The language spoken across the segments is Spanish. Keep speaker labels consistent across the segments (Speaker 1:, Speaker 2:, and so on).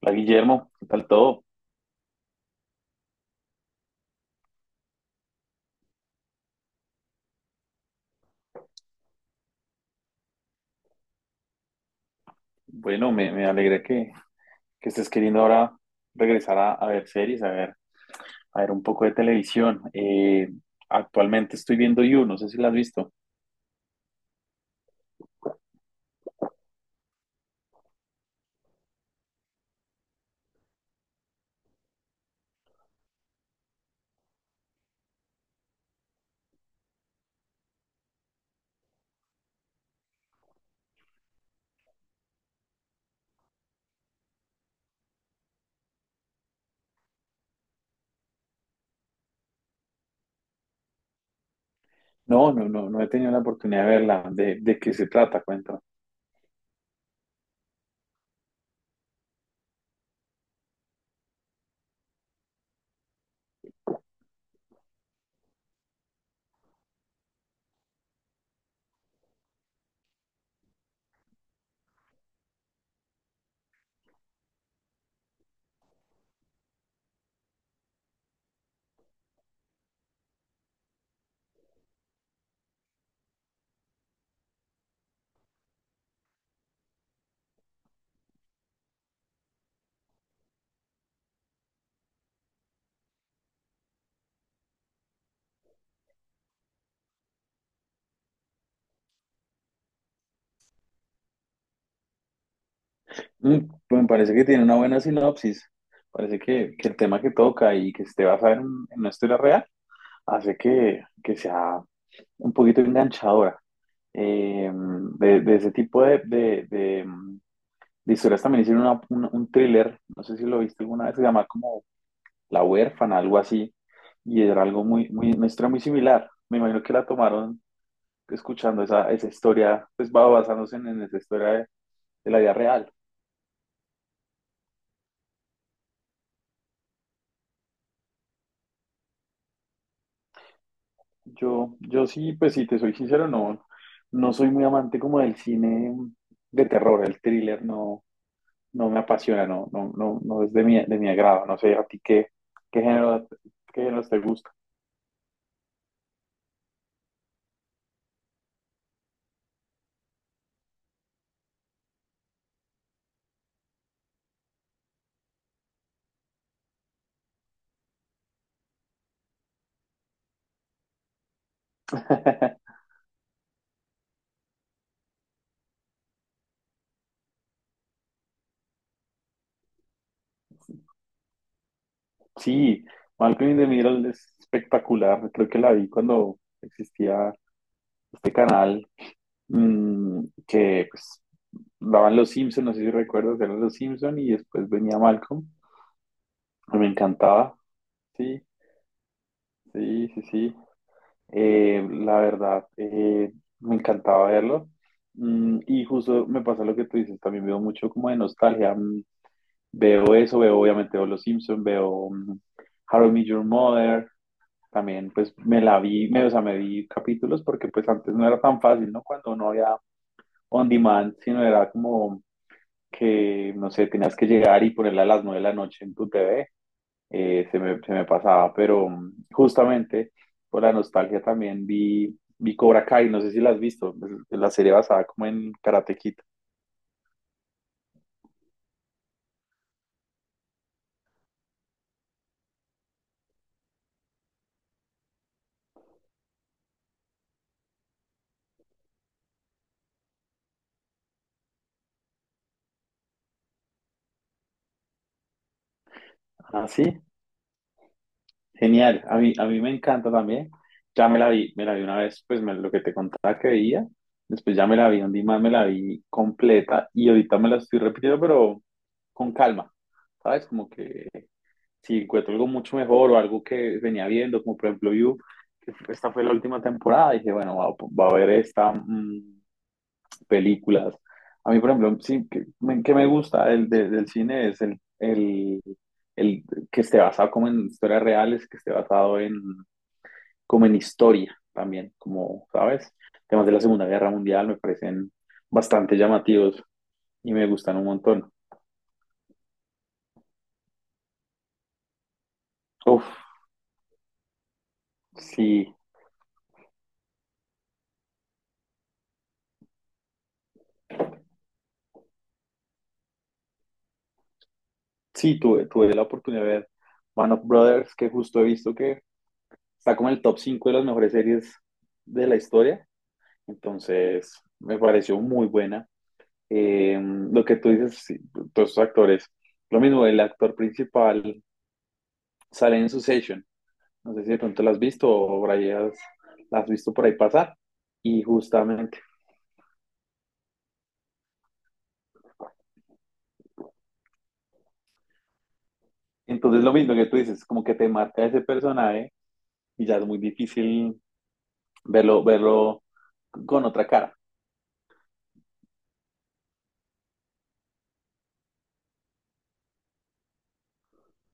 Speaker 1: Hola Guillermo, ¿qué tal todo? Bueno, me alegra que estés queriendo ahora regresar a ver series, a ver un poco de televisión. Actualmente estoy viendo You, no sé si la has visto. No, he tenido la oportunidad de verla. ¿De qué se trata? Cuéntame. Pues me parece que tiene una buena sinopsis. Parece que el tema que toca y que esté basado en una historia real hace que sea un poquito enganchadora. Eh, de ese tipo de historias también hicieron un thriller, no sé si lo viste alguna vez, se llama como La huérfana, algo así. Y era algo muy, muy, una historia muy similar. Me imagino que la tomaron escuchando esa historia, pues va basándose en esa historia de la vida real. Yo sí, pues si te soy sincero, no, no soy muy amante como del cine de terror, el thriller no, no me apasiona, no, no, no, no es de de mi agrado. No sé, a ti qué género, qué géneros te gusta. Sí, Malcolm in the Middle es espectacular. Creo que la vi cuando existía este canal que pues daban Los Simpson, no sé si recuerdas, eran Los Simpson y después venía Malcolm, me encantaba, sí, sí, sí, sí. La verdad, me encantaba verlo. Y justo me pasa lo que tú dices, también veo mucho como de nostalgia. Veo eso, veo obviamente veo Los Simpson, How I Met Your Mother, también pues me la vi, me, o sea, me vi capítulos porque pues antes no era tan fácil, ¿no? Cuando no había on demand, sino era como que, no sé, tenías que llegar y ponerla a las 9 de la noche en tu TV, se me pasaba, pero justamente por la nostalgia también vi Cobra Kai, no sé si la has visto, es la serie basada como en Karate Kid. Ah, sí, genial, a a mí me encanta también, ya me la vi una vez, pues me- lo que te contaba que veía, después ya me la vi un día más, me la vi completa y ahorita me la estoy repitiendo, pero con calma, ¿sabes? Como que si encuentro algo mucho mejor o algo que venía viendo, como por ejemplo You, que esta fue la última temporada, dije, bueno, va, va a ver estas películas. A mí, por ejemplo, sí, que me gusta el de- del cine es el que esté basado como en historias reales, que esté basado en, como en historia también, como, ¿sabes? Temas de la Segunda Guerra Mundial me parecen bastante llamativos y me gustan un montón. Uf, sí. Sí, tuve la oportunidad de ver Man of Brothers, que justo he visto que está como en el top 5 de las mejores series de la historia. Entonces, me pareció muy buena. Lo que tú dices, sí, todos estos actores, lo mismo, el actor principal sale en Succession. No sé si de pronto la has visto o por ahí has, la has visto por ahí pasar. Y justamente, entonces lo mismo que tú dices, como que te marca ese personaje y ya es muy difícil verlo, verlo con otra cara.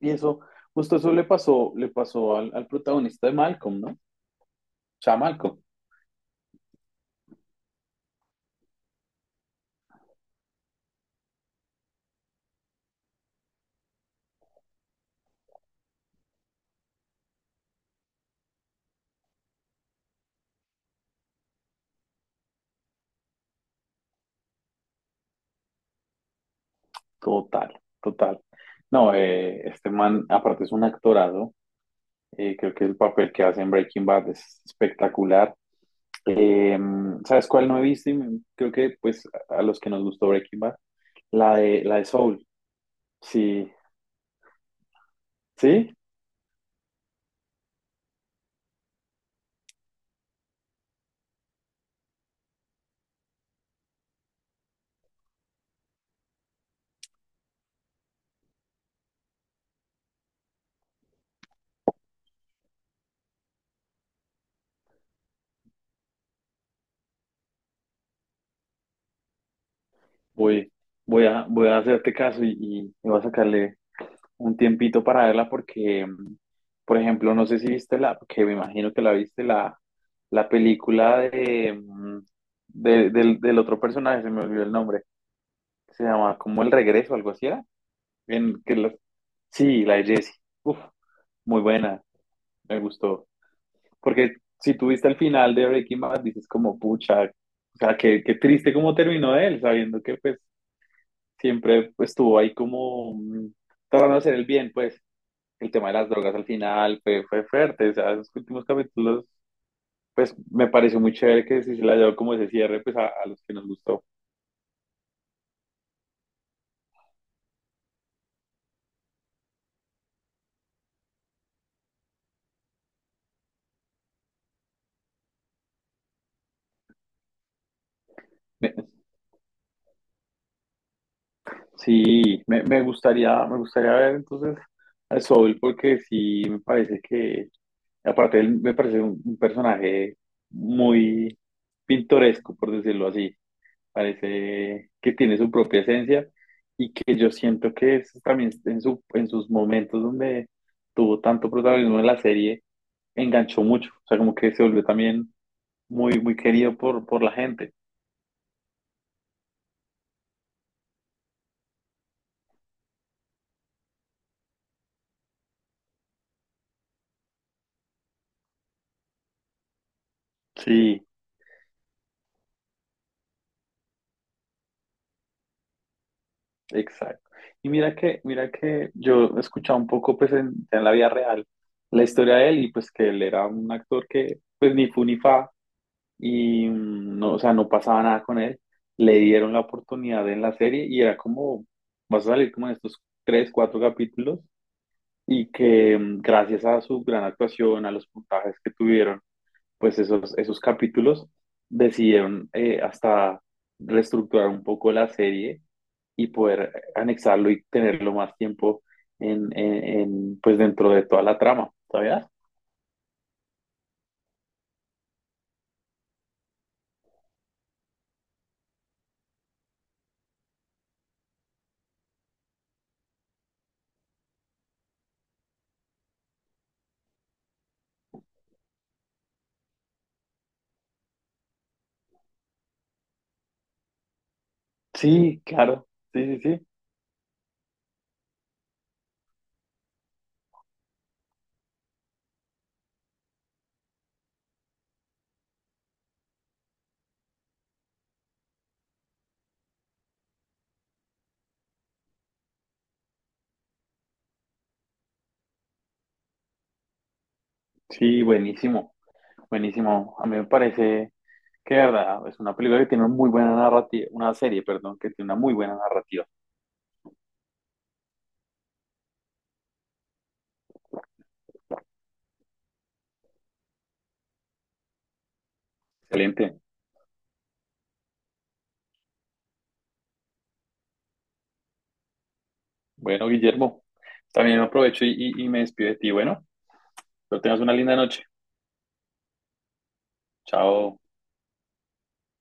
Speaker 1: Y eso, justo eso le pasó al protagonista de Malcolm, ¿no? O sea, Malcolm, total, total. No, este man, aparte es un actorado, creo que el papel que hace en Breaking Bad es espectacular. Eh, ¿Sabes cuál no he visto? Y me- creo que, pues, a los que nos gustó Breaking Bad, la de Soul. Sí, sí, voy, voy a hacerte caso y voy a sacarle un tiempito para verla porque, por ejemplo, no sé si viste la, que me imagino que la viste, la película de, mm, de- del, del otro personaje, se me olvidó el nombre, se llama como El Regreso, algo así era. En, que la- sí, la de Jessie. Uf, muy buena, me gustó. Porque si tú viste el final de Breaking Bad, dices como, pucha, o sea, qué, qué triste cómo terminó él, sabiendo que pues siempre pues, estuvo ahí como tratando de hacer el bien, pues. El tema de las drogas al final fue fuerte, o sea, esos últimos capítulos, pues me pareció muy chévere que si se la llevó como ese cierre, pues a los que nos gustó. Me- sí, me gustaría ver entonces a Soul porque sí me parece que, aparte él me parece un personaje muy pintoresco, por decirlo así, parece que tiene su propia esencia y que yo siento que es también en su, en sus momentos donde tuvo tanto protagonismo en la serie, enganchó mucho, o sea, como que se volvió también muy, muy querido por la gente. Sí, exacto. Y mira que yo he escuchado un poco, pues, en la vida real, la historia de él y pues que él era un actor que, pues, ni fu ni fa y no, o sea, no pasaba nada con él. Le dieron la oportunidad en la serie y era como, vas a salir como en estos tres, cuatro capítulos y que gracias a su gran actuación, a los puntajes que tuvieron, pues esos capítulos decidieron hasta reestructurar un poco la serie y poder anexarlo y tenerlo más tiempo en, pues dentro de toda la trama, ¿sabías? Sí, claro, sí, sí, sí, sí, buenísimo, buenísimo. A mí me parece que, de verdad, es una película que tiene una muy buena narrativa, una serie, perdón, que tiene una muy buena narrativa. Excelente. Bueno, Guillermo, también aprovecho y me despido de ti. Bueno, pero tengas una linda noche. Chao.